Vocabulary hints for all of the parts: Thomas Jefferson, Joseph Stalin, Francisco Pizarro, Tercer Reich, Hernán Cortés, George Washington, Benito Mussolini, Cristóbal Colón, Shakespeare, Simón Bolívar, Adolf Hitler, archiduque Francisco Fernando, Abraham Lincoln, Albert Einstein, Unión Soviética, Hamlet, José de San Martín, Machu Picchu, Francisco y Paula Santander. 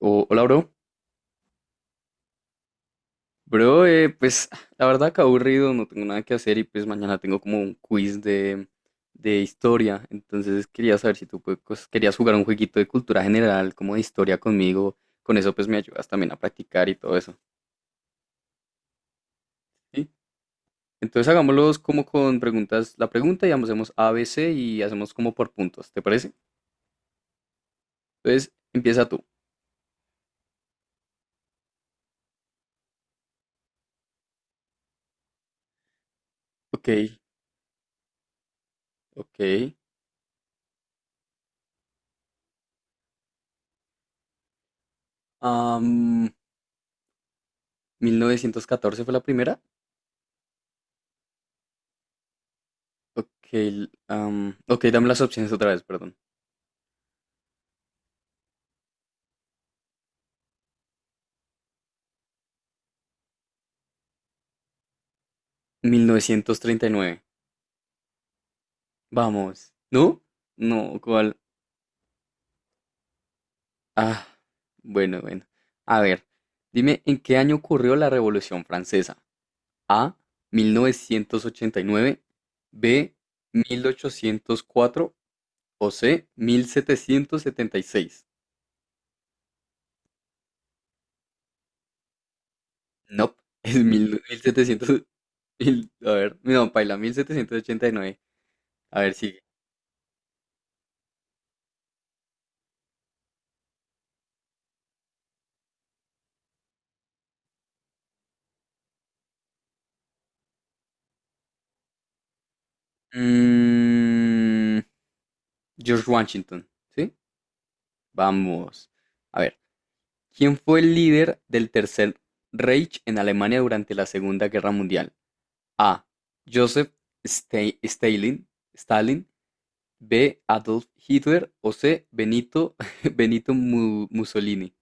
O- hola, bro. Bro, pues la verdad que aburrido, no tengo nada que hacer y pues mañana tengo como un quiz de historia. Entonces quería saber si tú pues, cos- querías jugar un jueguito de cultura general, como de historia conmigo. Con eso pues me ayudas también a practicar y todo eso. ¿Sí? Entonces hagámoslos como con preguntas, la pregunta y hacemos A, B, C y hacemos como por puntos, ¿te parece? Entonces empieza tú. Ok, ok. Am, ¿1914 fue la primera? Ok, l- ok, dame las opciones otra vez, perdón. 1939. Vamos. ¿No? No, ¿cuál? Ah, bueno, bueno. A ver, dime, ¿en qué año ocurrió la Revolución Francesa? A, 1989, B, 1804 o C, 1776. Nope, es mil- 1700. Mil- a ver, no, paila, 1789. A ver, sigue. Mm, George Washington, ¿sí? Vamos. A ver, ¿quién fue el líder del Tercer Reich en Alemania durante la Segunda Guerra Mundial? A. Joseph Sta- Stalin, Stalin, B. Adolf Hitler o C. Benito, Benito Mussolini.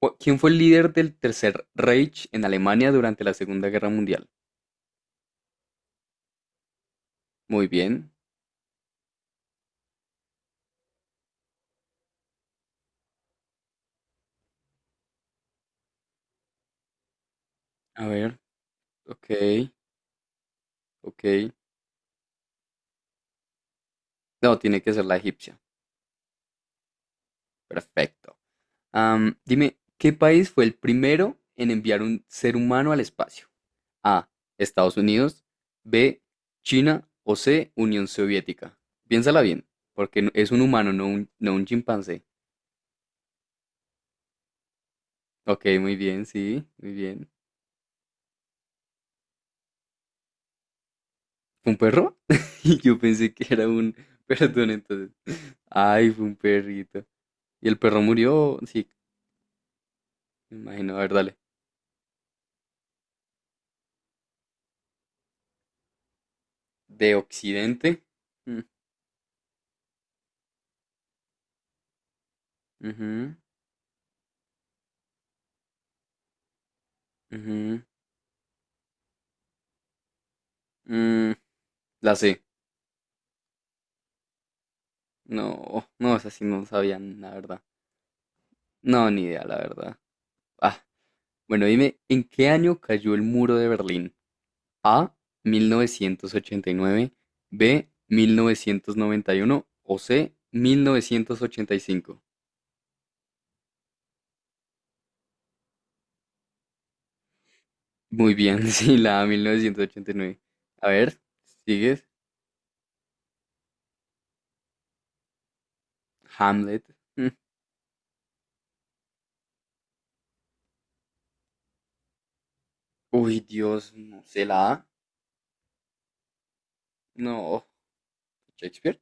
Cu- ¿Quién fue el líder del Tercer Reich en Alemania durante la Segunda Guerra Mundial? Muy bien. A ver, ok, ok. No, tiene que ser la egipcia. Perfecto. Dime, ¿qué país fue el primero en enviar un ser humano al espacio? A. Estados Unidos. B. China. O C. Unión Soviética. Piénsala bien, porque no- es un humano, no un chimpancé. Ok, muy bien, sí, muy bien. ¿Fue un perro? Yo pensé que era un... Perdón, entonces. Ay, fue un perrito. ¿Y el perro murió? Sí, me imagino. A ver, dale. ¿De Occidente? Mm, ujú, ujú, mm, la C. No, no, esa sí no sabían, la verdad. No, ni idea, la verdad. Ah, bueno, dime, ¿en qué año cayó el muro de Berlín? A, 1989. B, 1991. O C, 1985. Muy bien, sí, la A, mil novecientos ochenta y nueve. A ver, ¿sigues? Hamlet. Mm, uy, Dios, no sé, la A. No, Shakespeare.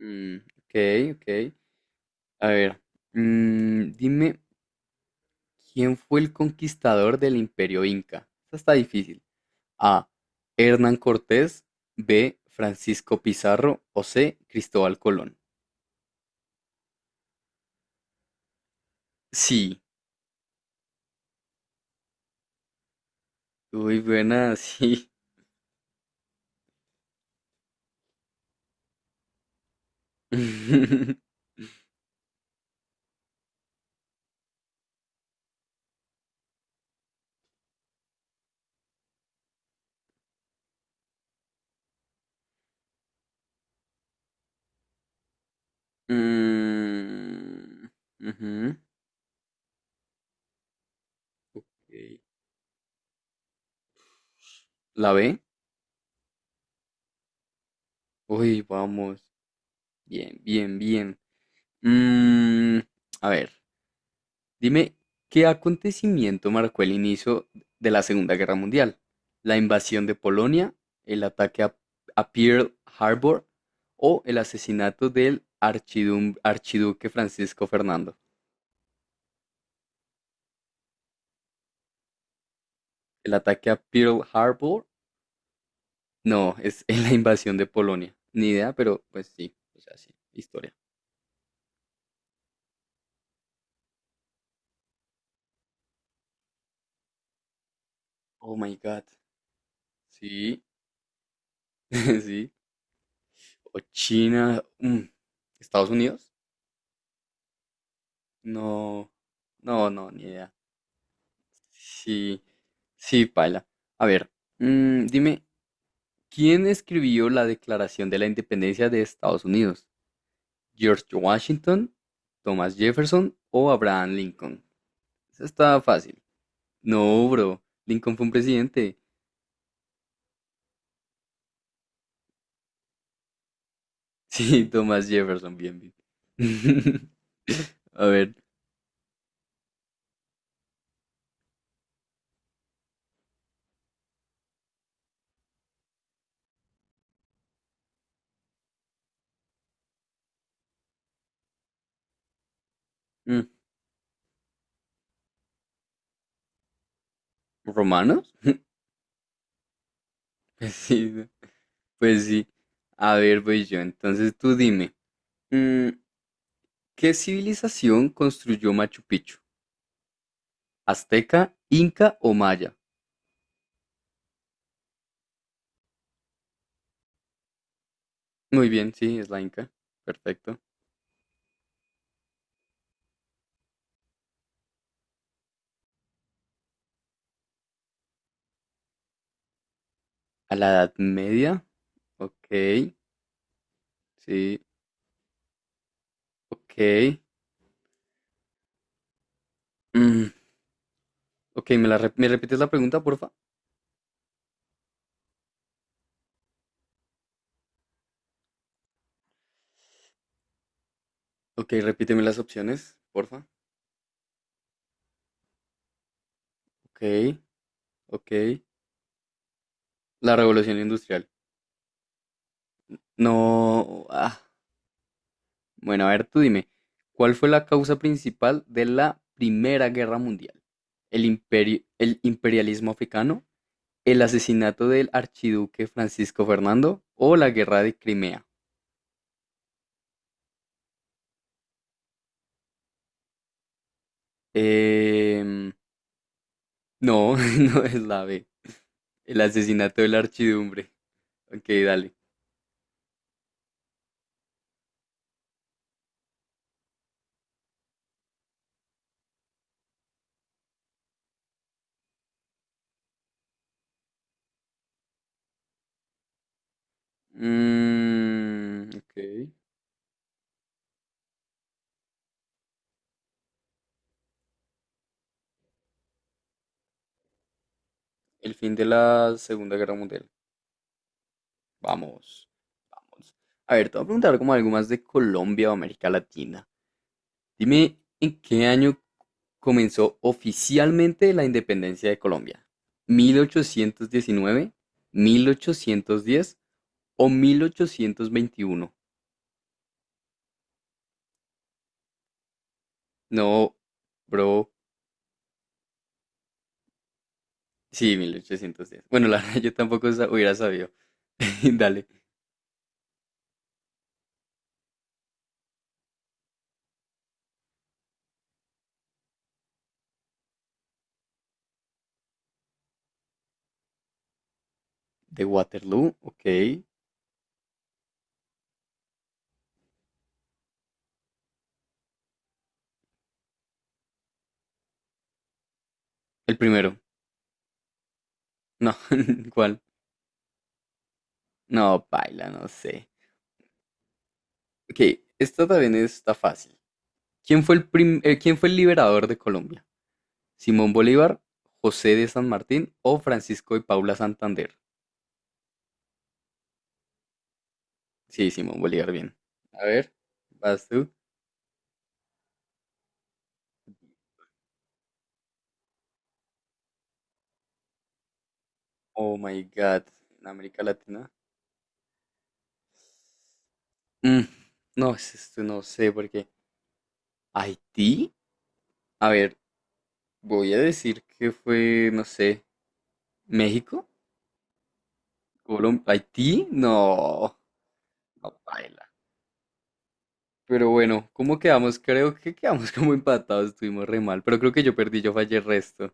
Mm, ok, ok. A ver, mm, dime. ¿Quién fue el conquistador del Imperio Inca? Esta está difícil. A. Hernán Cortés. B. Francisco Pizarro. O C. Cristóbal Colón. Sí. Uy, buena, sí. Mm, ujú. Ok. ¿La B? Uy, vamos. Bien, bien, bien. Mm, a ver. Dime, ¿qué acontecimiento marcó el inicio de la Segunda Guerra Mundial? ¿La invasión de Polonia, el ataque a Pearl Harbor o el asesinato del archidum- archiduque Francisco Fernando? ¿El ataque a Pearl Harbor? No, es en la invasión de Polonia. Ni idea, pero pues sí, o sea, sí, historia. Oh my God. Sí, sí. O China. Mm, ¿Estados Unidos? No, no, no, ni idea. Sí, sí, paila. A ver, mm, dime, ¿quién escribió la Declaración de la Independencia de Estados Unidos? ¿George Washington, Thomas Jefferson o Abraham Lincoln? Esa está fácil. No, bro, Lincoln fue un presidente. Sí, Thomas Jefferson, bien, bien. A ver, mm, ¿romanos? Pues sí, ¿no? Pues sí. A ver, voy yo. Entonces tú dime, mm, ¿qué civilización construyó Machu Picchu? Azteca, Inca o Maya. Muy bien, sí, es la Inca. Perfecto. A la Edad Media. Ok, sí, ok. Mm, ok, ¿me, la rep- ¿me repites la pregunta, porfa? Ok, repíteme las opciones, porfa. Ok, ok. La Revolución Industrial. No. Ah, bueno, a ver, tú dime. ¿Cuál fue la causa principal de la Primera Guerra Mundial? ¿El imperio, el imperialismo africano? El asesinato del archiduque Francisco Fernando o la guerra de Crimea. Em, no, no es la B. El asesinato de la archidumbre. Ok, dale. Mm, ok. El fin de la Segunda Guerra Mundial. Vamos, vamos. A ver, te voy a preguntar como algo más de Colombia o América Latina. Dime, ¿en qué año comenzó oficialmente la independencia de Colombia? ¿1819, 1810 o 1821? No, bro. Sí, 1810. Bueno, la verdad yo tampoco sa- hubiera sabido. Dale. ¿De Waterloo? Ok. El primero. No, ¿cuál? No, paila, no sé. Ok, esta también está fácil. ¿Quién fue el prim- ¿quién fue el liberador de Colombia? Simón Bolívar, José de San Martín o Francisco y Paula Santander. Sí, Simón Bolívar, bien. A ver, vas tú. Oh my God, en América Latina. Mm, no, es esto no sé por qué. Haití. A ver, voy a decir que fue, no sé, México, Colombia, Haití. No, no baila. Pero bueno, ¿cómo quedamos? Creo que quedamos como empatados, estuvimos re mal. Pero creo que yo perdí, yo fallé el resto.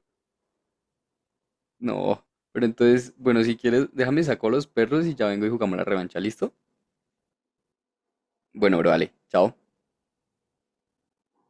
No, pero entonces, bueno, si quieres, déjame saco a los perros y ya vengo y jugamos la revancha, ¿listo? Bueno, bro, vale, chao.